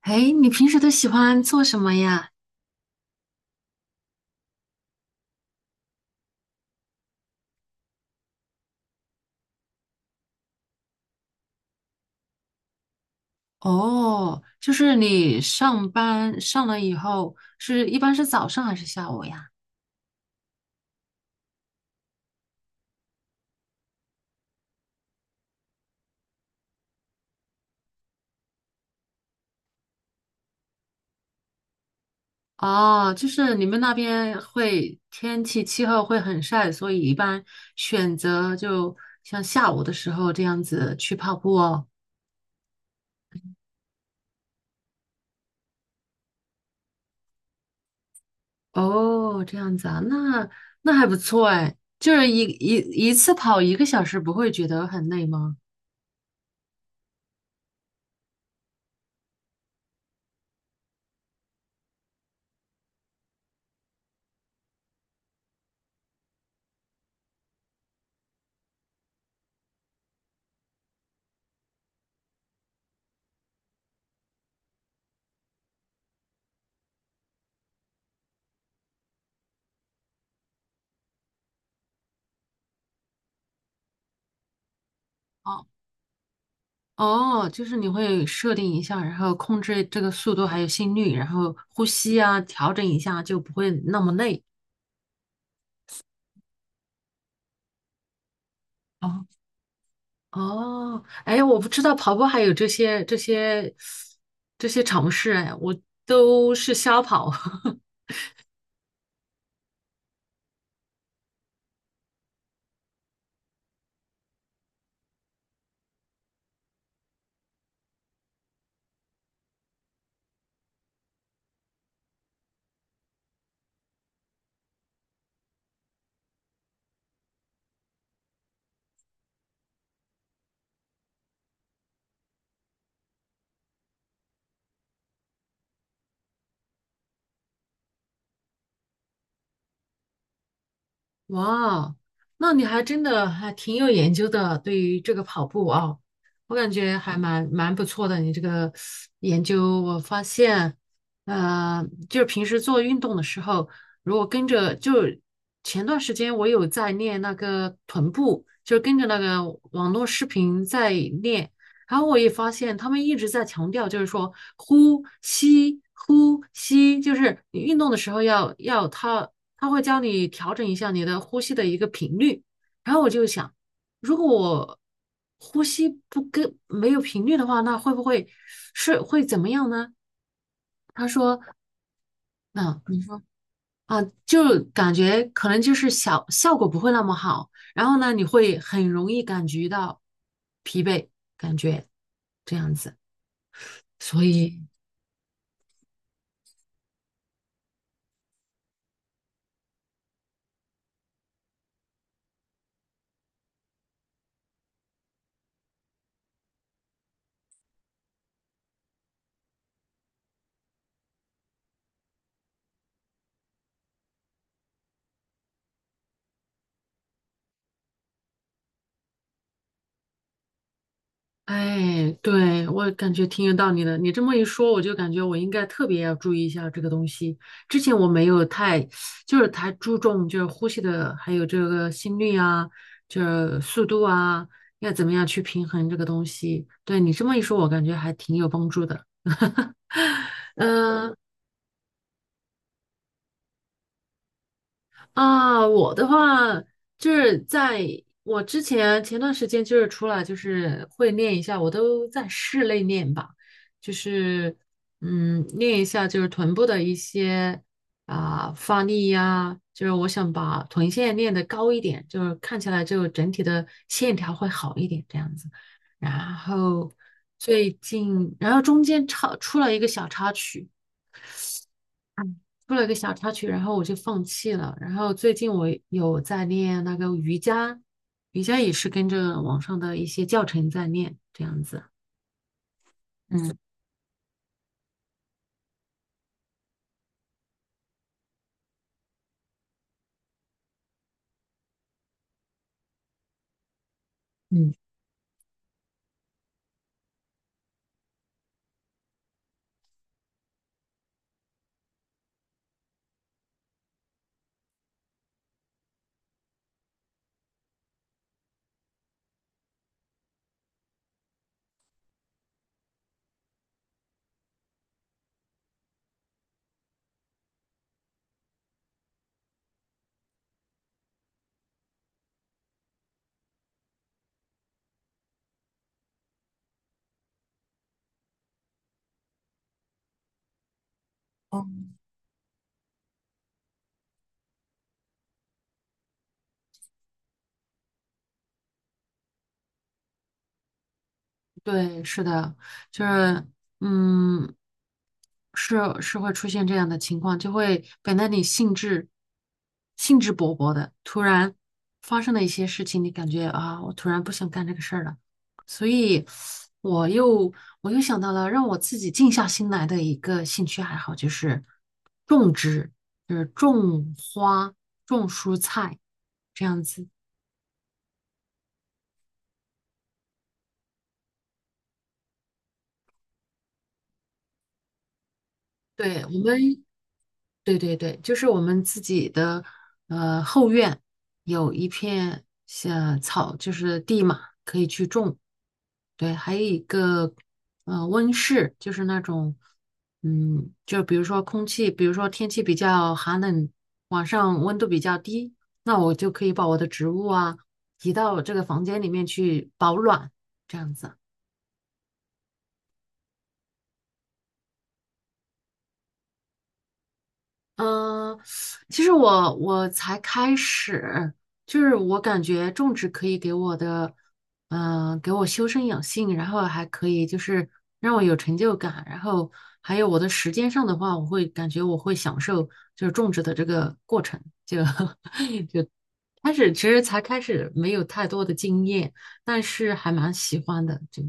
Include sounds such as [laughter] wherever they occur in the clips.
哎，你平时都喜欢做什么呀？哦，就是你上班上了以后，是一般是早上还是下午呀？哦，就是你们那边会天气气候会很晒，所以一般选择就像下午的时候这样子去跑步哦。哦，这样子啊，那还不错哎，就是一次跑一个小时，不会觉得很累吗？哦。哦，就是你会设定一下，然后控制这个速度还有心率，然后呼吸啊，调整一下就不会那么累。哦，哦，哎，我不知道跑步还有这些尝试，哎，我都是瞎跑。[laughs] 哇，那你还真的还挺有研究的，对于这个跑步啊，我感觉还蛮不错的。你这个研究，我发现，呃，就是平时做运动的时候，如果跟着，就前段时间我有在练那个臀部，就是跟着那个网络视频在练，然后我也发现他们一直在强调，就是说呼吸呼吸，就是你运动的时候要要它他会教你调整一下你的呼吸的一个频率。然后我就想，如果我呼吸不跟没有频率的话，那会不会是会怎么样呢？他说，嗯就感觉可能就是小，效果不会那么好。然后呢，你会很容易感觉到疲惫，感觉这样子。所以哎，对，我感觉挺有道理的。你这么一说，我就感觉我应该特别要注意一下这个东西。之前我没有就是太注重就是呼吸的，还有这个心率啊，就是速度啊，要怎么样去平衡这个东西。对你这么一说，我感觉还挺有帮助的。嗯。啊，我的话就是在我之前前段时间就是出来就是会练一下，我都在室内练吧，就是练一下就是臀部的一些发力呀，就是我想把臀线练得高一点，就是看起来就整体的线条会好一点这样子。然后最近，然后中间插出了一个小插曲。出了个小插曲，然后我就放弃了。然后最近我有在练那个瑜伽，瑜伽也是跟着网上的一些教程在练，这样子。嗯嗯，对，是的，就是，嗯，是是会出现这样的情况，就会本来你兴致勃勃的，突然发生了一些事情，你感觉啊，我突然不想干这个事儿了，所以我又我又想到了让我自己静下心来的一个兴趣爱好，就是种植，就是种花、种蔬菜这样子。对，我们。对对对，就是我们自己的后院有一片像草，就是地嘛，可以去种。对，还有一个温室，就是那种就比如说空气，比如说天气比较寒冷，晚上温度比较低，那我就可以把我的植物啊移到这个房间里面去保暖，这样子。嗯，其实我才开始，就是我感觉种植可以给我的，给我修身养性，然后还可以就是让我有成就感，然后还有我的时间上的话，我会感觉我会享受就是种植的这个过程。就 [laughs] 开始其实才开始没有太多的经验，但是还蛮喜欢的，就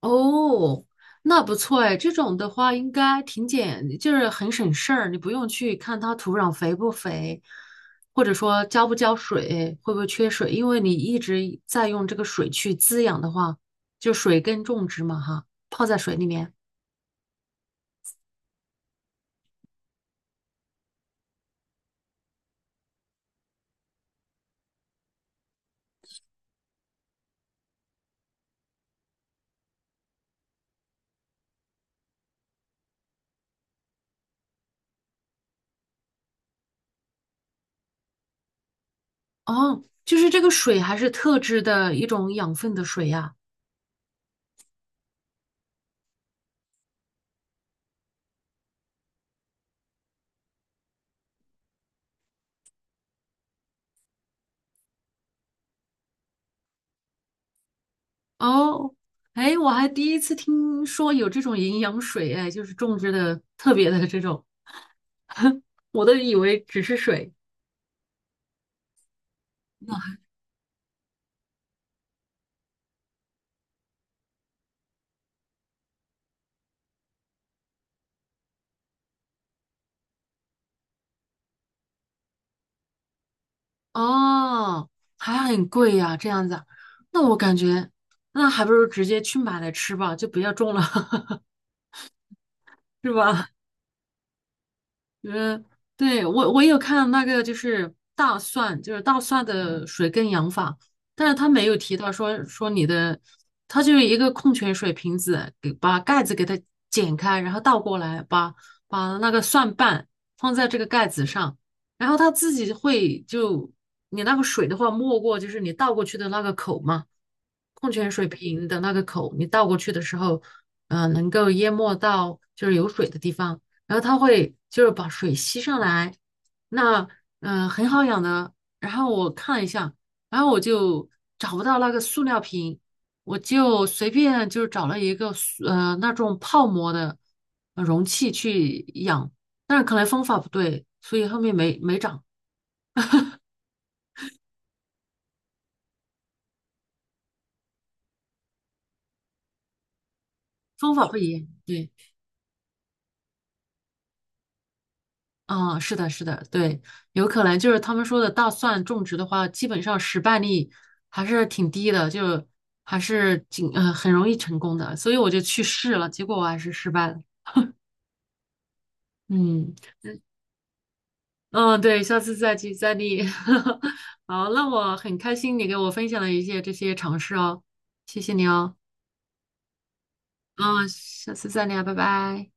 哦，那不错哎，这种的话应该就是很省事儿，你不用去看它土壤肥不肥，或者说浇不浇水，会不会缺水，因为你一直在用这个水去滋养的话，就水根种植嘛哈，泡在水里面。哦，就是这个水还是特制的一种养分的水呀。哦，哎，我还第一次听说有这种营养水哎，就是种植的特别的这种，[laughs] 我都以为只是水。哦，还很贵呀，这样子啊那我感觉那还不如直接去买来吃吧，就不要种了，[laughs] 是吧？就是对我有看那个就是大蒜，就是大蒜的水耕养法，但是他没有提到说你的，他就是一个矿泉水瓶子，把盖子给它剪开，然后倒过来，把那个蒜瓣放在这个盖子上，然后它自己会就你那个水的话没过就是你倒过去的那个口嘛，矿泉水瓶的那个口，你倒过去的时候，能够淹没到就是有水的地方。然后它会就是把水吸上来，那很好养的。然后我看了一下，然后我就找不到那个塑料瓶，我就随便就找了一个那种泡沫的容器去养，但是可能方法不对，所以后面没长，方法不一样，对。啊，是的，是的，对，有可能就是他们说的大蒜种植的话，基本上失败率还是挺低的，就还是很容易成功的，所以我就去试了，结果我还是失败了。嗯嗯，对，下次再接再厉。[laughs] 好，那我很开心你给我分享了一些这些尝试哦，谢谢你哦。嗯，下次再聊，拜拜。